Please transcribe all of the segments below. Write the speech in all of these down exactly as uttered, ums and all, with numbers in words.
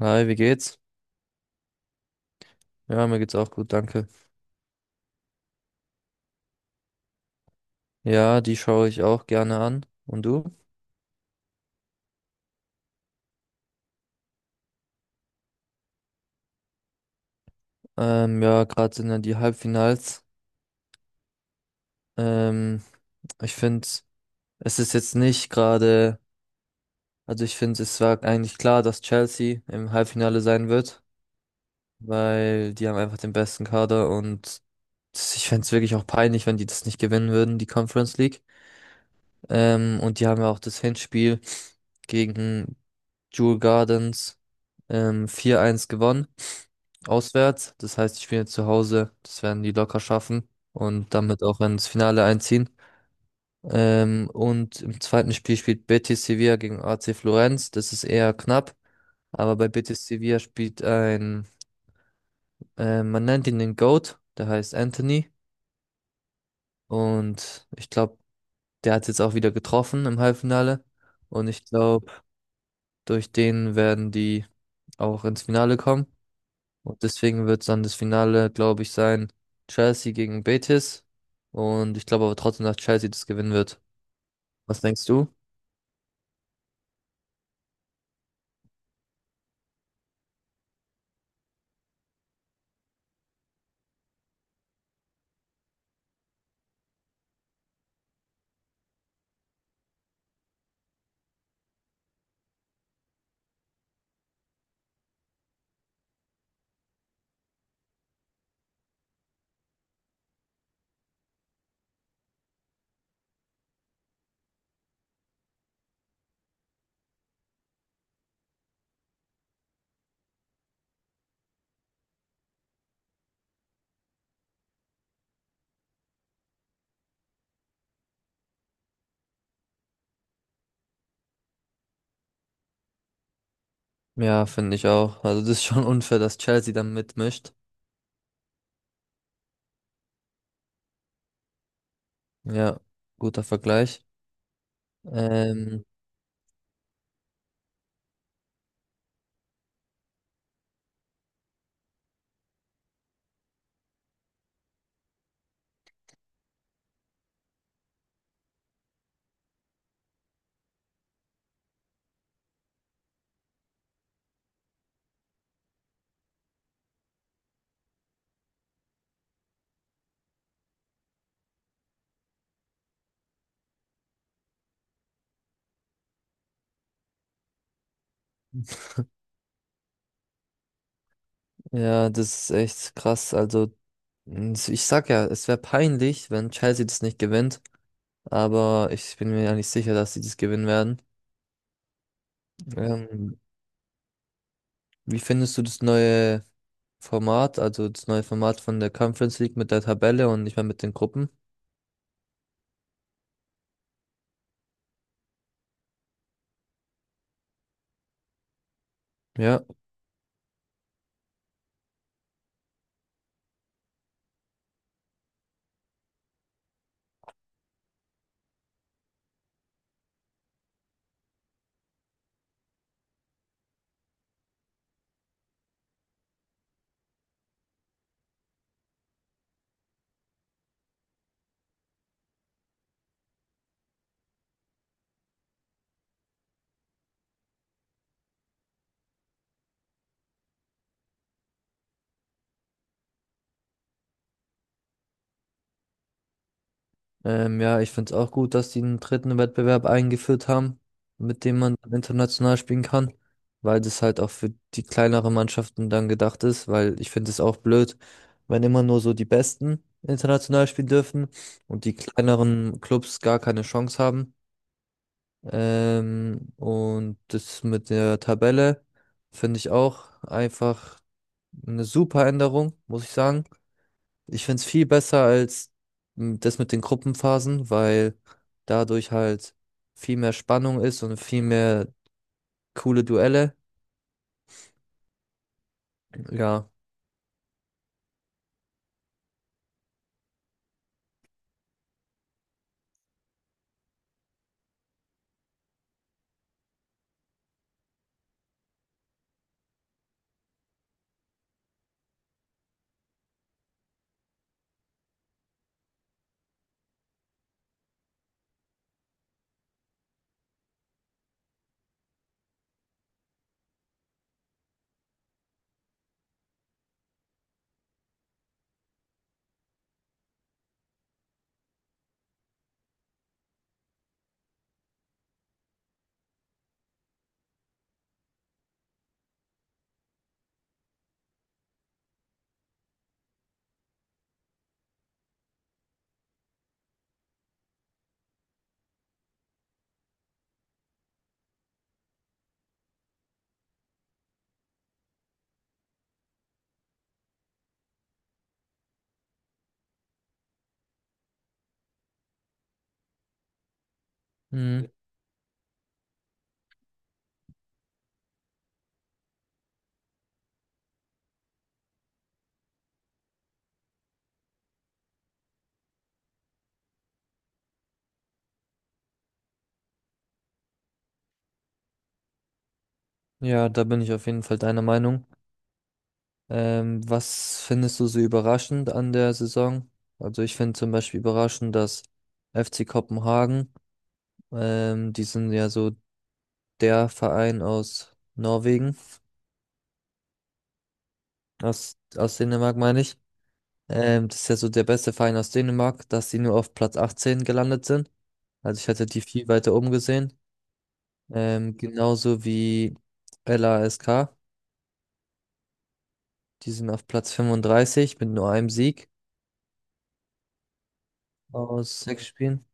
Hi, wie geht's? Ja, mir geht's auch gut, danke. Ja, die schaue ich auch gerne an. Und du? Ähm, ja, Gerade sind ja die Halbfinals. Ähm, Ich finde, es ist jetzt nicht gerade, also ich finde, es war eigentlich klar, dass Chelsea im Halbfinale sein wird, weil die haben einfach den besten Kader und ich fände es wirklich auch peinlich, wenn die das nicht gewinnen würden, die Conference League. Ähm, und die haben ja auch das Hinspiel gegen Jewel Gardens ähm, vier eins gewonnen. Auswärts. Das heißt, ich spiele zu Hause. Das werden die locker schaffen und damit auch ins Finale einziehen. Ähm, und im zweiten Spiel spielt Betis Sevilla gegen A C Florenz. Das ist eher knapp, aber bei Betis Sevilla spielt ein, äh, man nennt ihn den GOAT, der heißt Anthony. Und ich glaube, der hat jetzt auch wieder getroffen im Halbfinale. Und ich glaube, durch den werden die auch ins Finale kommen. Und deswegen wird es dann das Finale, glaube ich, sein, Chelsea gegen Betis. Und ich glaube aber trotzdem, dass Chelsea das gewinnen wird. Was denkst du? Ja, finde ich auch. Also das ist schon unfair, dass Chelsea dann mitmischt. Ja, guter Vergleich. Ähm, ja, Das ist echt krass. Also n- ich sag ja, es wäre peinlich, wenn Chelsea das nicht gewinnt. Aber ich bin mir ja nicht sicher, dass sie das gewinnen werden. Ähm, Wie findest du das neue Format, also das neue Format von der Conference League mit der Tabelle und nicht mehr mit den Gruppen? Ja, ähm, ja, ich finde es auch gut, dass die einen dritten Wettbewerb eingeführt haben, mit dem man international spielen kann, weil das halt auch für die kleineren Mannschaften dann gedacht ist, weil ich finde es auch blöd, wenn immer nur so die Besten international spielen dürfen und die kleineren Clubs gar keine Chance haben. Ähm, und das mit der Tabelle finde ich auch einfach eine super Änderung, muss ich sagen. Ich finde es viel besser als m, das mit den Gruppenphasen, weil dadurch halt viel mehr Spannung ist und viel mehr coole Duelle. Ja, mhm. Ja, da bin ich auf jeden Fall deiner Meinung. Ähm, was findest du so überraschend an der Saison? Also ich finde zum Beispiel überraschend, dass F C Kopenhagen, ähm, die sind ja so der Verein aus Norwegen, aus, aus Dänemark meine ich. Ähm, das ist ja so der beste Verein aus Dänemark, dass sie nur auf Platz achtzehn gelandet sind. Also ich hatte die viel weiter oben gesehen. Ähm, genauso wie LASK, die sind auf Platz fünfunddreißig mit nur einem Sieg aus sechs Spielen.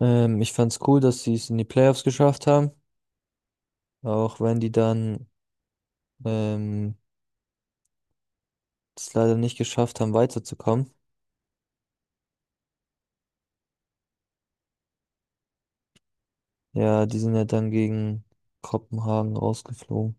Ähm, ich fand's cool, dass sie es in die Playoffs geschafft haben, auch wenn die dann ähm, es leider nicht geschafft haben, weiterzukommen. Ja, die sind ja dann gegen Kopenhagen rausgeflogen.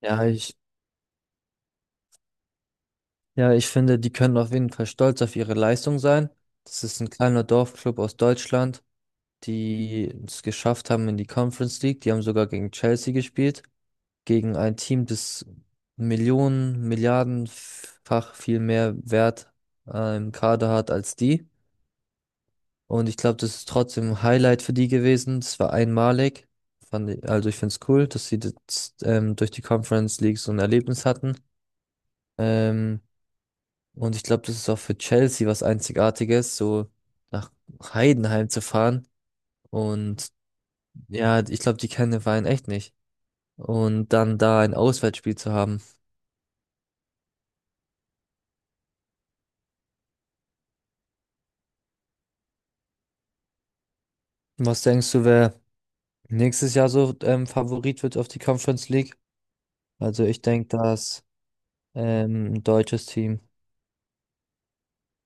Ja, ich, ja, ich finde, die können auf jeden Fall stolz auf ihre Leistung sein. Das ist ein kleiner Dorfclub aus Deutschland, die es geschafft haben in die Conference League. Die haben sogar gegen Chelsea gespielt, gegen ein Team, das Millionen, Milliardenfach viel mehr Wert äh, im Kader hat als die. Und ich glaube, das ist trotzdem ein Highlight für die gewesen. Das war einmalig. Fand ich, also ich finde es cool, dass sie das, ähm, durch die Conference League so ein Erlebnis hatten. Ähm, Und ich glaube, das ist auch für Chelsea was Einzigartiges, so nach Heidenheim zu fahren. Und ja, ich glaube, die kennen den Verein echt nicht. Und dann da ein Auswärtsspiel zu haben. Was denkst du, wer nächstes Jahr so ähm, Favorit wird auf die Conference League? Also ich denke, dass ähm, ein deutsches Team.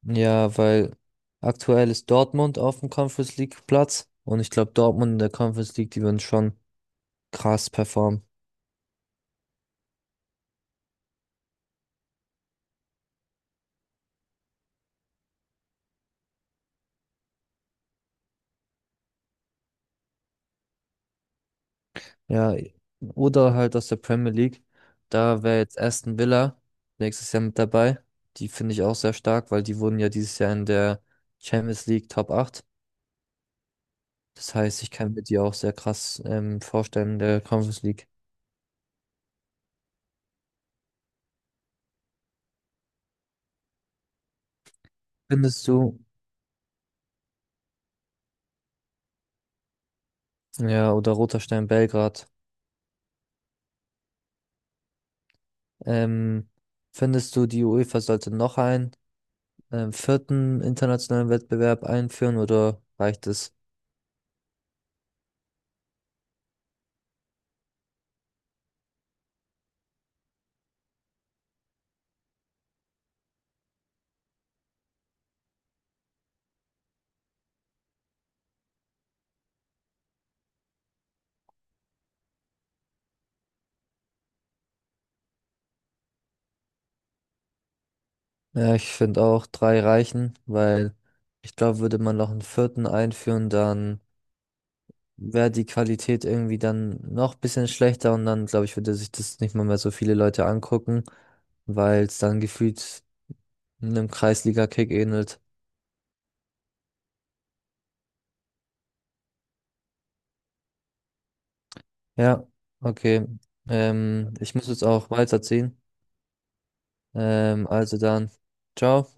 Ja, weil aktuell ist Dortmund auf dem Conference League Platz. Und ich glaube, Dortmund in der Conference League, die würden schon krass performen. Ja, oder halt aus der Premier League. Da wäre jetzt Aston Villa nächstes Jahr mit dabei. Die finde ich auch sehr stark, weil die wurden ja dieses Jahr in der Champions League Top acht. Das heißt, ich kann mir die auch sehr krass ähm, vorstellen in der Conference League. Findest du, ja, oder Roter Stern Belgrad, ähm, findest du, die UEFA sollte noch einen ähm, vierten internationalen Wettbewerb einführen oder reicht es? Ja, ich finde auch drei reichen, weil ich glaube, würde man noch einen vierten einführen, dann wäre die Qualität irgendwie dann noch ein bisschen schlechter und dann, glaube ich, würde sich das nicht mal mehr so viele Leute angucken, weil es dann gefühlt einem Kreisliga-Kick ähnelt. Ja, okay. Ähm, ich muss jetzt auch weiterziehen. Ähm, also dann, ciao.